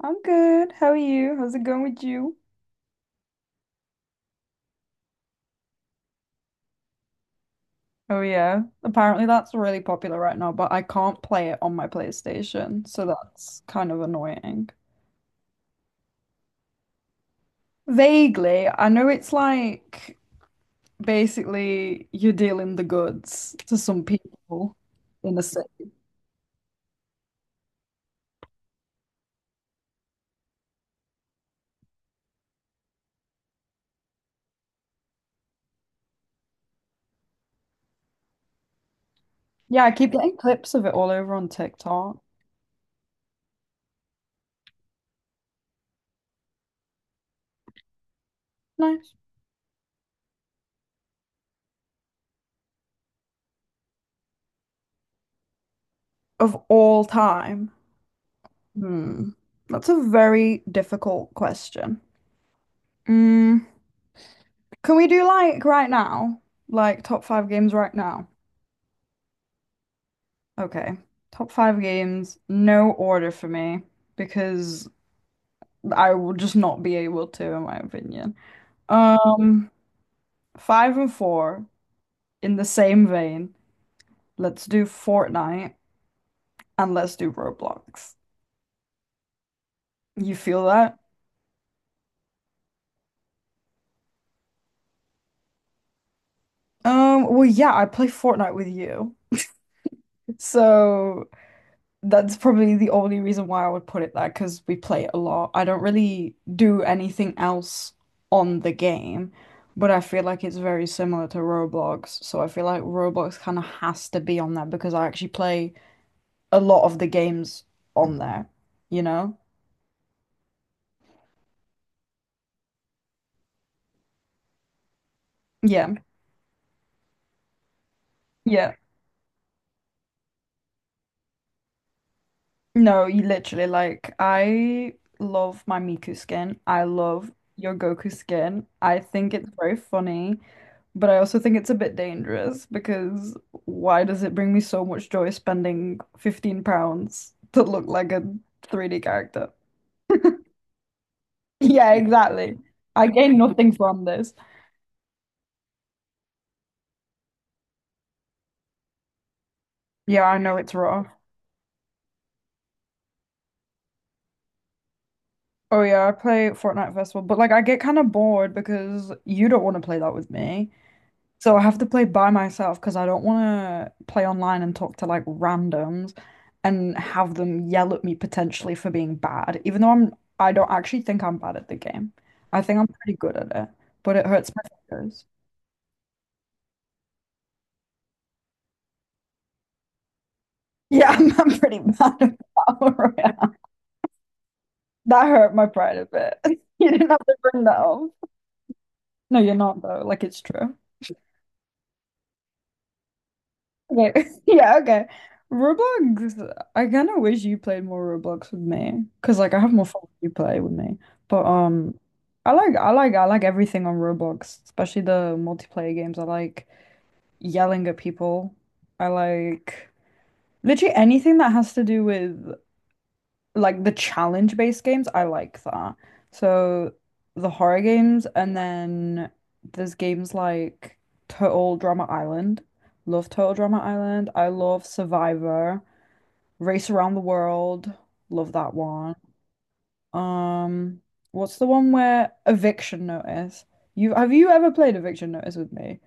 I'm good. How are you? How's it going with you? Oh yeah. Apparently that's really popular right now, but I can't play it on my PlayStation, so that's kind of annoying. Vaguely, I know it's like basically you're dealing the goods to some people in the city. Yeah, I keep getting clips of it all over on TikTok. Nice. Of all time. Hmm. That's a very difficult question. Mm. Can we do like right now? Like top five games right now? Okay. Top five games, no order for me because I will just not be able to, in my opinion. Um, Five and four in the same vein. Let's do Fortnite and let's do Roblox. You feel that? Well, yeah, I play Fortnite with you. So that's probably the only reason why I would put it there because we play it a lot. I don't really do anything else on the game, but I feel like it's very similar to Roblox. So I feel like Roblox kind of has to be on there because I actually play a lot of the games on there, you know? Yeah. Yeah. No, you literally like I love my Miku skin. I love your Goku skin. I think it's very funny. But I also think it's a bit dangerous because why does it bring me so much joy spending £15 to look like a 3D character? Yeah, exactly. I gain nothing from this. Yeah, I know it's rough. Oh yeah, I play Fortnite Festival, but like I get kind of bored because you don't want to play that with me. So I have to play by myself because I don't want to play online and talk to like randoms and have them yell at me potentially for being bad, even though I don't actually think I'm bad at the game. I think I'm pretty good at it, but it hurts my fingers. Yeah, I'm pretty bad at Battle Royale. That hurt my pride a bit. You didn't have to bring that up. No, you're not though. Like it's true. Okay. Yeah, okay. Roblox, I kind of wish you played more Roblox with me, cause like I have more fun when you play with me. But I like I like everything on Roblox, especially the multiplayer games. I like yelling at people. I like literally anything that has to do with like the challenge based games, I like that. So the horror games, and then there's games like Total Drama Island. Love Total Drama Island. I love Survivor. Race Around the World. Love that one. Um, what's the one where Eviction Notice? You ever played Eviction Notice with me?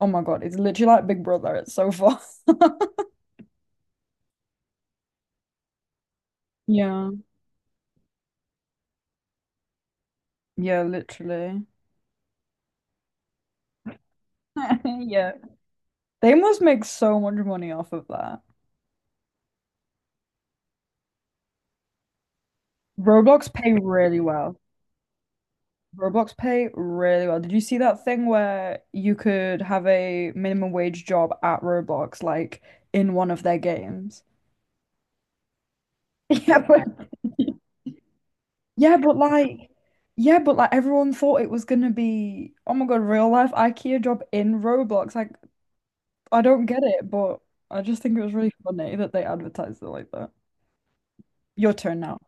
Oh my God, it's literally like Big Brother. It's so fun. Yeah. Yeah, literally. Yeah. They must make so much money off of that. Roblox pay really well. Roblox pay really well. Did you see that thing where you could have a minimum wage job at Roblox, like in one of their games? Yeah, but Yeah, but like, yeah, but like everyone thought it was gonna be, oh my God, real life IKEA job in Roblox. Like, I don't get it, but I just think it was really funny that they advertised it like that. Your turn now.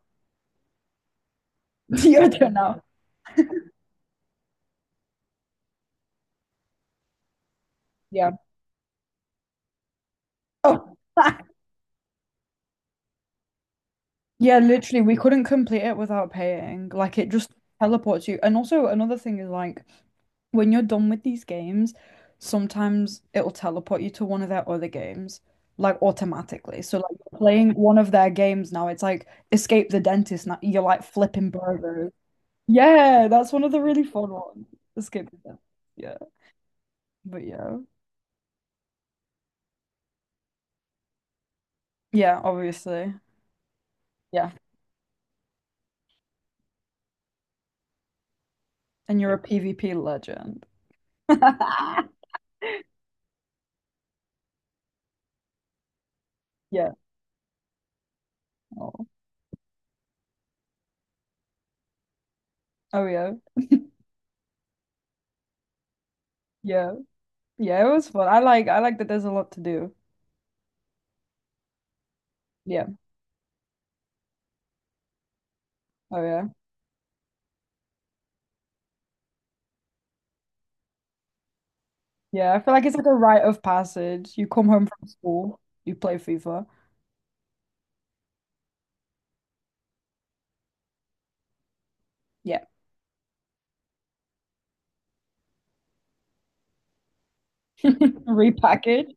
Your turn now. Yeah. Oh. Yeah, literally, we couldn't complete it without paying. Like, it just teleports you. And also, another thing is like when you're done with these games, sometimes it'll teleport you to one of their other games, like automatically. So, like, you're playing one of their games now, it's like Escape the Dentist. Now you're like flipping burgers. Yeah, that's one of the really fun ones. Escape the Dentist. Yeah, but yeah, yeah, obviously, yeah. And you're a PvP legend. Yeah. Oh, oh yeah. Yeah. Yeah, it was fun. I like that there's a lot to do. Yeah. Oh yeah. Yeah, I feel like it's like a rite of passage. You come home from school, you play FIFA. Yeah. Repackage,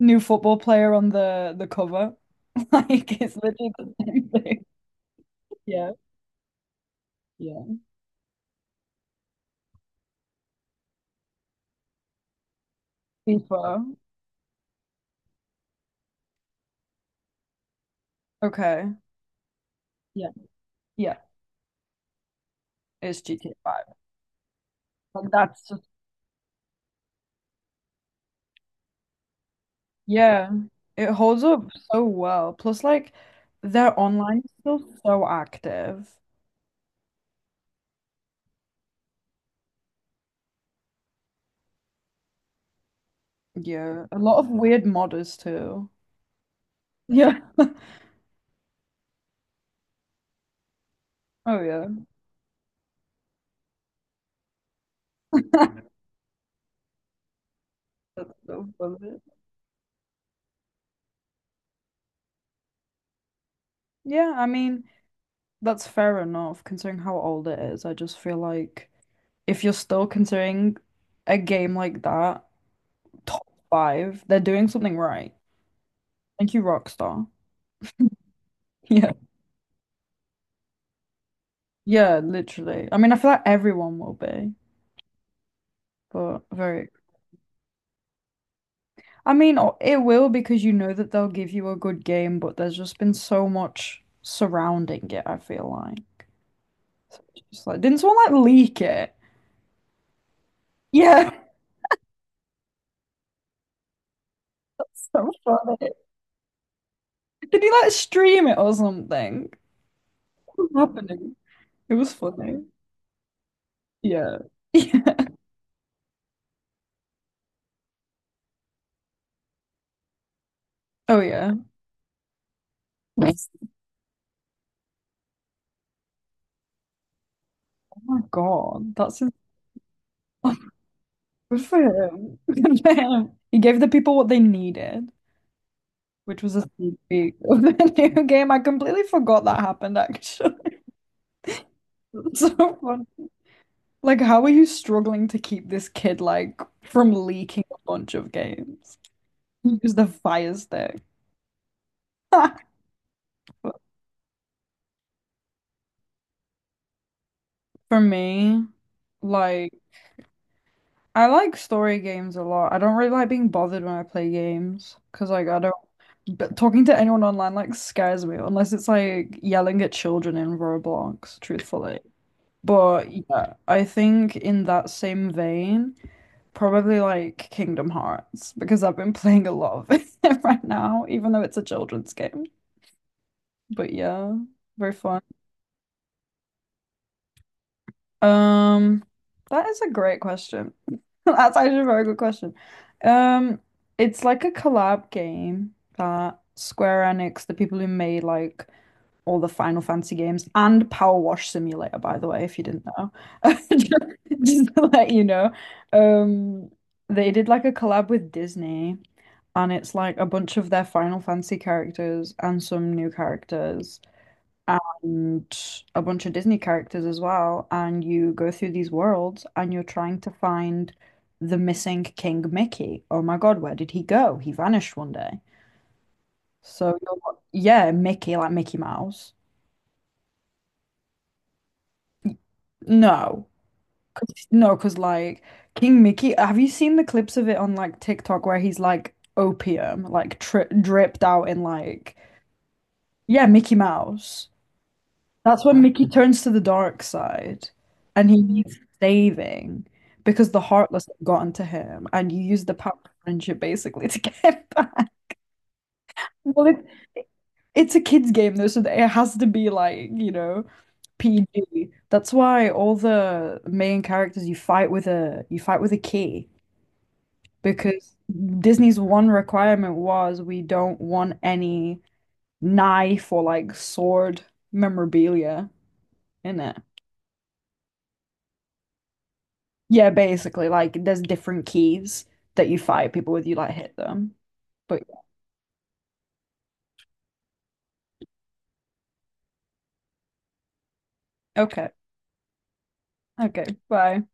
new football player on the cover. Like it's literally the same thing. Yeah. Yeah. FIFA. Okay. Yeah. Yeah. It's GTA 5. Like that's just yeah. It holds up so well. Plus like their online is still so active. Yeah. A lot of weird modders too. Yeah. Oh yeah. That's so funny. Yeah, I mean, that's fair enough considering how old it is. I just feel like if you're still considering a game like that top 5, they're doing something right. Thank you, Rockstar. Yeah. Yeah, literally. I mean, I feel like everyone will be, but very. I mean, it will because you know that they'll give you a good game, but there's just been so much surrounding it, I feel like. So it's just like, didn't someone like leak it? Yeah, so funny. Did he like stream it or something? What was happening? It was funny. Yeah. Yeah. Oh yeah. Nice. Oh my God. Oh, good for him. Good for him. He gave the people what they needed, which was a sneak peek of the new game. I completely forgot that happened actually. It's so fun. Like, how are you struggling to keep this kid like from leaking a bunch of games? Use the fire stick. For me, like I like story games a lot. I don't really like being bothered when I play games because, like, I don't. But talking to anyone online like scares me unless it's like yelling at children in Roblox, truthfully. But yeah, I think in that same vein, probably like Kingdom Hearts because I've been playing a lot of it right now, even though it's a children's game. But yeah, very fun. Um, that is a great question. That's actually a very good question. Um, it's like a collab game that Square Enix, the people who made like all the Final Fantasy games and Power Wash Simulator, by the way, if you didn't know, just, just to let you know, um, they did like a collab with Disney, and it's like a bunch of their Final Fantasy characters and some new characters and a bunch of Disney characters as well. And you go through these worlds and you're trying to find the missing King Mickey. Oh my God, where did he go? He vanished one day. So you're, yeah, Mickey, like Mickey Mouse. No. No, because like King Mickey, have you seen the clips of it on like TikTok where he's like opium, like tri dripped out in like, yeah, Mickey Mouse. That's when Mickey turns to the dark side and he needs saving because the Heartless have gotten to him and you use the power of friendship basically to get him back. Well, it, it's a kid's game though, so it has to be like, you know, PG. That's why all the main characters you fight with a key because Disney's one requirement was we don't want any knife or like sword memorabilia in it. Yeah, basically, like there's different keys that you fight people with. You like hit them. But okay, okay, bye.